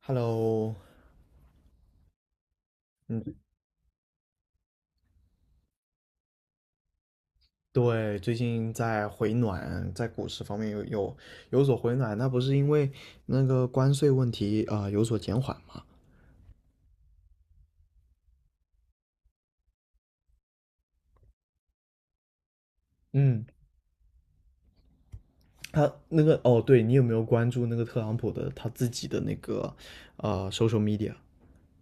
Hello，嗯，对，最近在回暖，在股市方面有所回暖，那不是因为那个关税问题啊有所减缓吗？嗯，他那个哦，对你有没有关注那个特朗普的他自己的那个social media，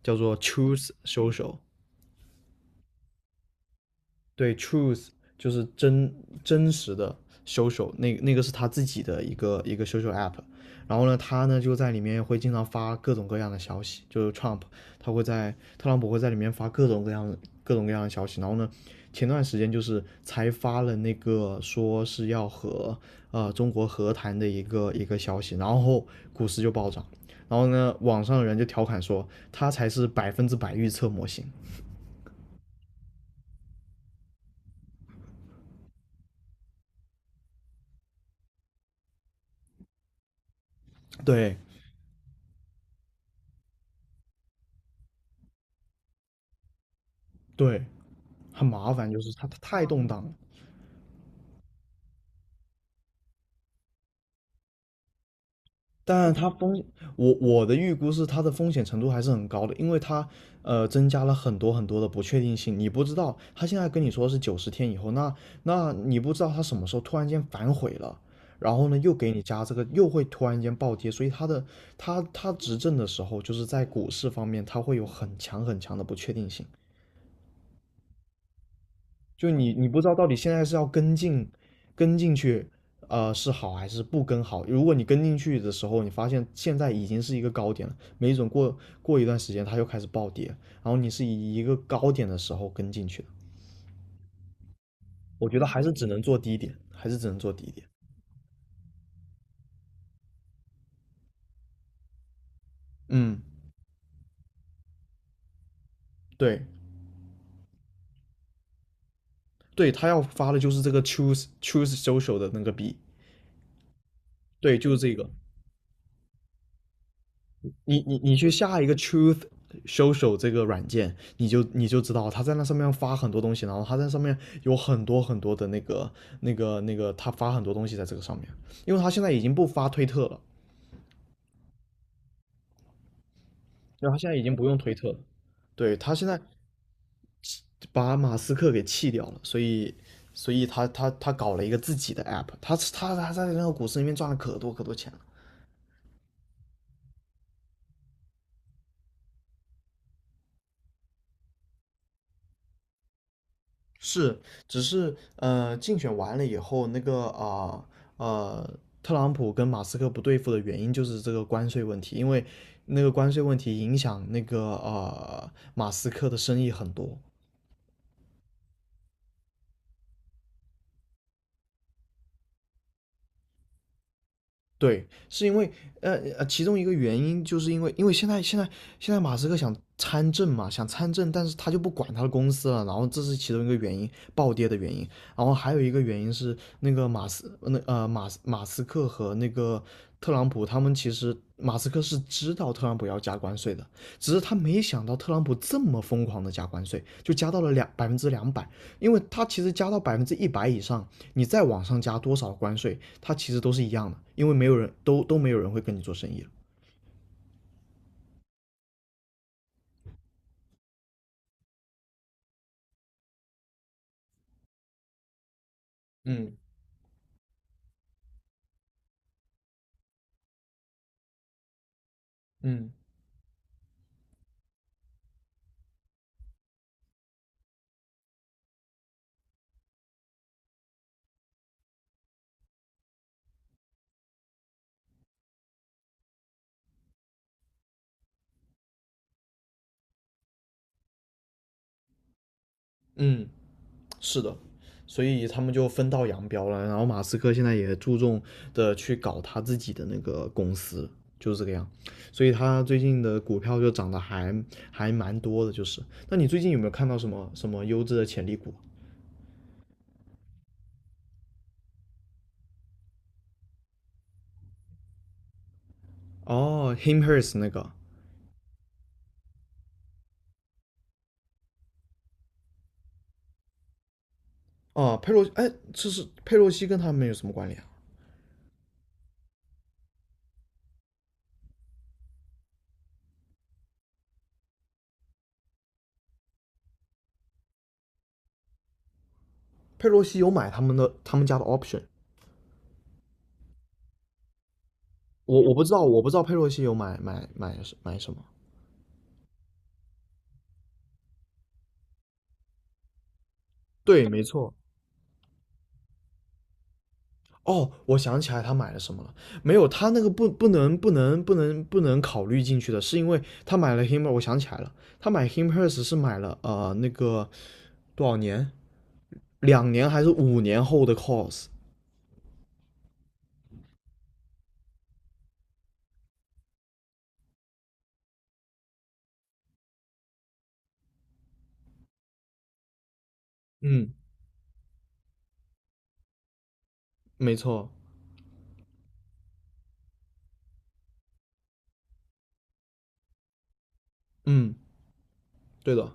叫做 Choose Social？对，truth 就是真实的 social，那个是他自己的一个 social app。然后呢，他呢就在里面会经常发各种各样的消息，就是 Trump，他会在特朗普会在里面发各种各样的消息。然后呢，前段时间就是才发了那个说是要和中国和谈的一个消息，然后股市就暴涨。然后呢，网上的人就调侃说他才是100%预测模型。对对，很麻烦，就是它太动荡了。但它风险我的预估是它的风险程度还是很高的，因为它增加了很多很多的不确定性。你不知道它现在跟你说是90天以后，那你不知道它什么时候突然间反悔了，然后呢又给你加这个，又会突然间暴跌。所以它执政的时候，就是在股市方面，它会有很强很强的不确定性。就你不知道到底现在是要跟进去，是好还是不跟好？如果你跟进去的时候，你发现现在已经是一个高点了，没准过一段时间它又开始暴跌，然后你是以一个高点的时候跟进去的，我觉得还是只能做低点，还是只能做低点。嗯，对对，他要发的就是这个 choose social 的那个币，对，就是这个。你去下一个 Truth Social 这个软件，你就知道他在那上面发很多东西，然后他在上面有很多很多的那个，他发很多东西在这个上面，因为他现在已经不发推特了，对，他现在已经不用推特了，对，他现在把马斯克给弃掉了，所以他搞了一个自己的 app，他在那个股市里面赚了可多可多钱了。是，只是竞选完了以后，呃特朗普跟马斯克不对付的原因就是这个关税问题，因为那个关税问题影响那个马斯克的生意很多。对，是因为呃其中一个原因就是因为现在马斯克想参政嘛，想参政，但是他就不管他的公司了，然后这是其中一个原因，暴跌的原因。然后还有一个原因是那个马斯克和那个特朗普他们其实马斯克是知道特朗普要加关税的，只是他没想到特朗普这么疯狂的加关税，就加到了两百分之两百，因为它其实加到100%以上，你再往上加多少关税，它其实都是一样的，因为没有人都没有人会跟你做生意了。嗯嗯嗯，是的，所以他们就分道扬镳了。然后马斯克现在也注重的去搞他自己的那个公司，就是这个样。所以他最近的股票就涨得还蛮多的，就是。那你最近有没有看到什么什么优质的潜力股？哦，Him Hers 那个，哦，佩洛，哎，这是佩洛西跟他们有什么关联啊？佩洛西有买他们家的 option，我不知道，我不知道佩洛西有买什么。对，没错。哦，我想起来他买了什么了。没有，他那个不能考虑进去的，是因为他买了 him。我想起来了，他买 HIMHERS 是买了那个多少年，2年还是5年后的 course。嗯，没错，嗯，对的。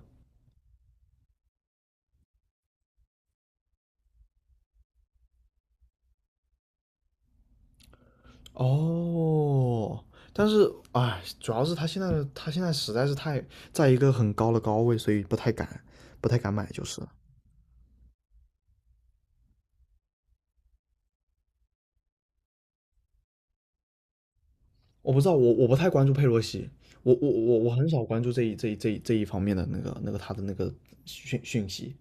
哦，但是哎，主要是他现在实在是太在一个很高的高位，所以不太敢买就是了。我不知道，我不太关注佩洛西，我很少关注这一方面的他的那个讯息。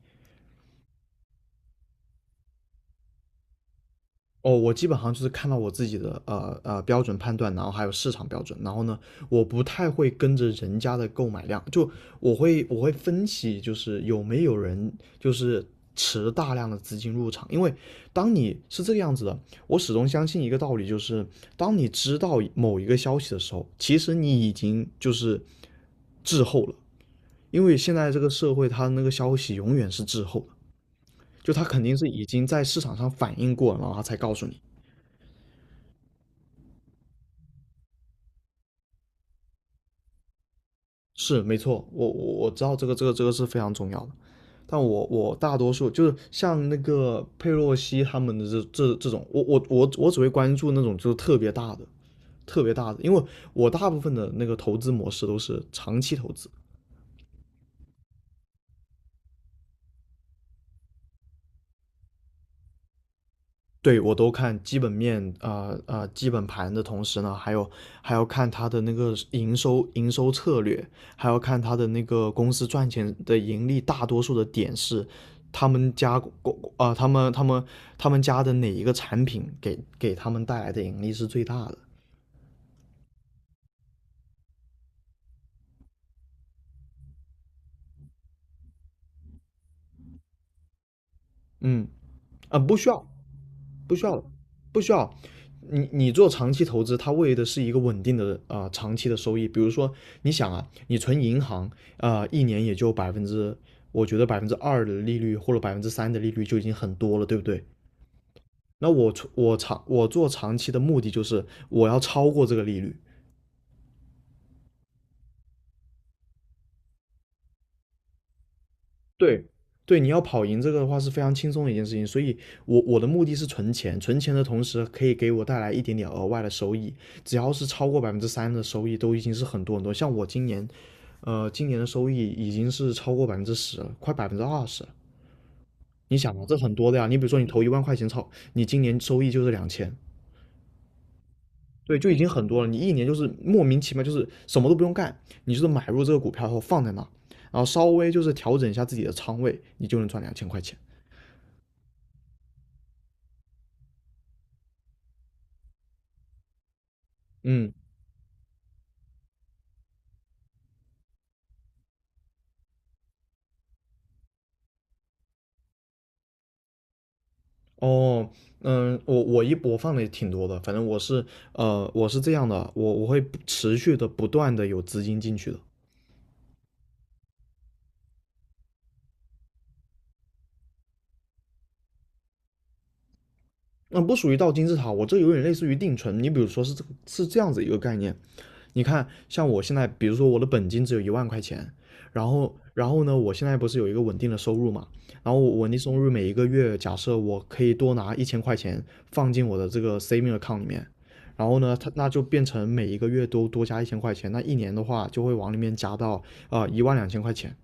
哦，我基本上就是看到我自己的标准判断，然后还有市场标准，然后呢，我不太会跟着人家的购买量，就我会分析，就是有没有人就是持大量的资金入场，因为当你是这个样子的，我始终相信一个道理，就是当你知道某一个消息的时候，其实你已经就是滞后了，因为现在这个社会它那个消息永远是滞后的，就它肯定是已经在市场上反应过了，然后它才告诉你。是没错，我知道这个是非常重要的，但我大多数就是像那个佩洛西他们的这种，我只会关注那种就是特别大的，因为我大部分的那个投资模式都是长期投资，对我都看基本面基本盘的同时呢，还要看它的那个营收策略，还要看它的那个公司赚钱的盈利，大多数的点是他们家公啊、呃、他们他们他们家的哪一个产品给他们带来的盈利是最大的，嗯不需要不需要，不需要。你做长期投资，它为的是一个稳定的长期的收益。比如说，你想啊，你存银行一年也就百分之，我觉得百分之二的利率或者百分之三的利率就已经很多了，对不对？那我做长期的目的就是我要超过这个利率，对，对，你要跑赢这个的话是非常轻松的一件事情，所以我的目的是存钱，存钱的同时可以给我带来一点点额外的收益，只要是超过百分之三的收益都已经是很多很多。像我今年，呃，今年的收益已经是超过10%了，快20%了。你想嘛，这很多的呀。你比如说你投一万块钱炒，你今年收益就是两千，对，就已经很多了。你一年就是莫名其妙，就是什么都不用干，你就是买入这个股票后放在那，然后稍微就是调整一下自己的仓位，你就能赚两千块钱。嗯，哦，嗯，我一播放的也挺多的，反正我是这样的，我会不持续的不断的有资金进去的，那、不属于到金字塔，我这有点类似于定存，你比如说是这样子一个概念，你看，像我现在，比如说我的本金只有一万块钱，然后呢，我现在不是有一个稳定的收入嘛？然后我稳定收入每一个月，假设我可以多拿一千块钱放进我的这个 saving account 里面，然后呢，它那就变成每一个月都多加一千块钱，那一年的话就会往里面加到12000块钱。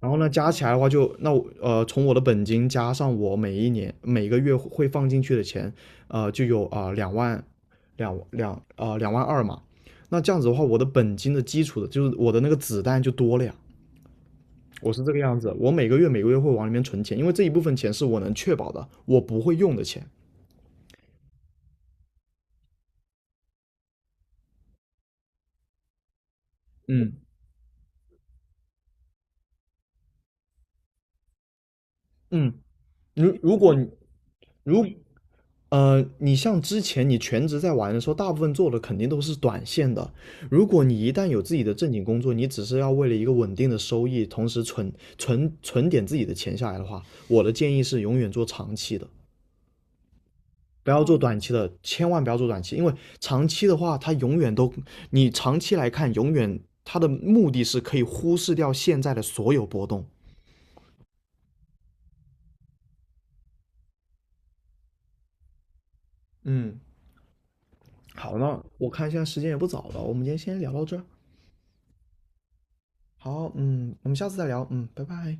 然后呢，加起来的话就从我的本金加上我每一年每个月会放进去的钱，就有22000嘛。那这样子的话，我的本金的基础的就是我的那个子弹就多了呀。我是这个样子，我每个月每个月会往里面存钱，因为这一部分钱是我能确保的，我不会用的钱。嗯，嗯，如如果如呃，你像之前你全职在玩的时候，大部分做的肯定都是短线的。如果你一旦有自己的正经工作，你只是要为了一个稳定的收益，同时存点自己的钱下来的话，我的建议是永远做长期的，不要做短期的，千万不要做短期，因为长期的话，它永远都，你长期来看，永远它的目的是可以忽视掉现在的所有波动。嗯，好，那我看现在时间也不早了，我们今天先聊到这儿。好，嗯，我们下次再聊，嗯，拜拜。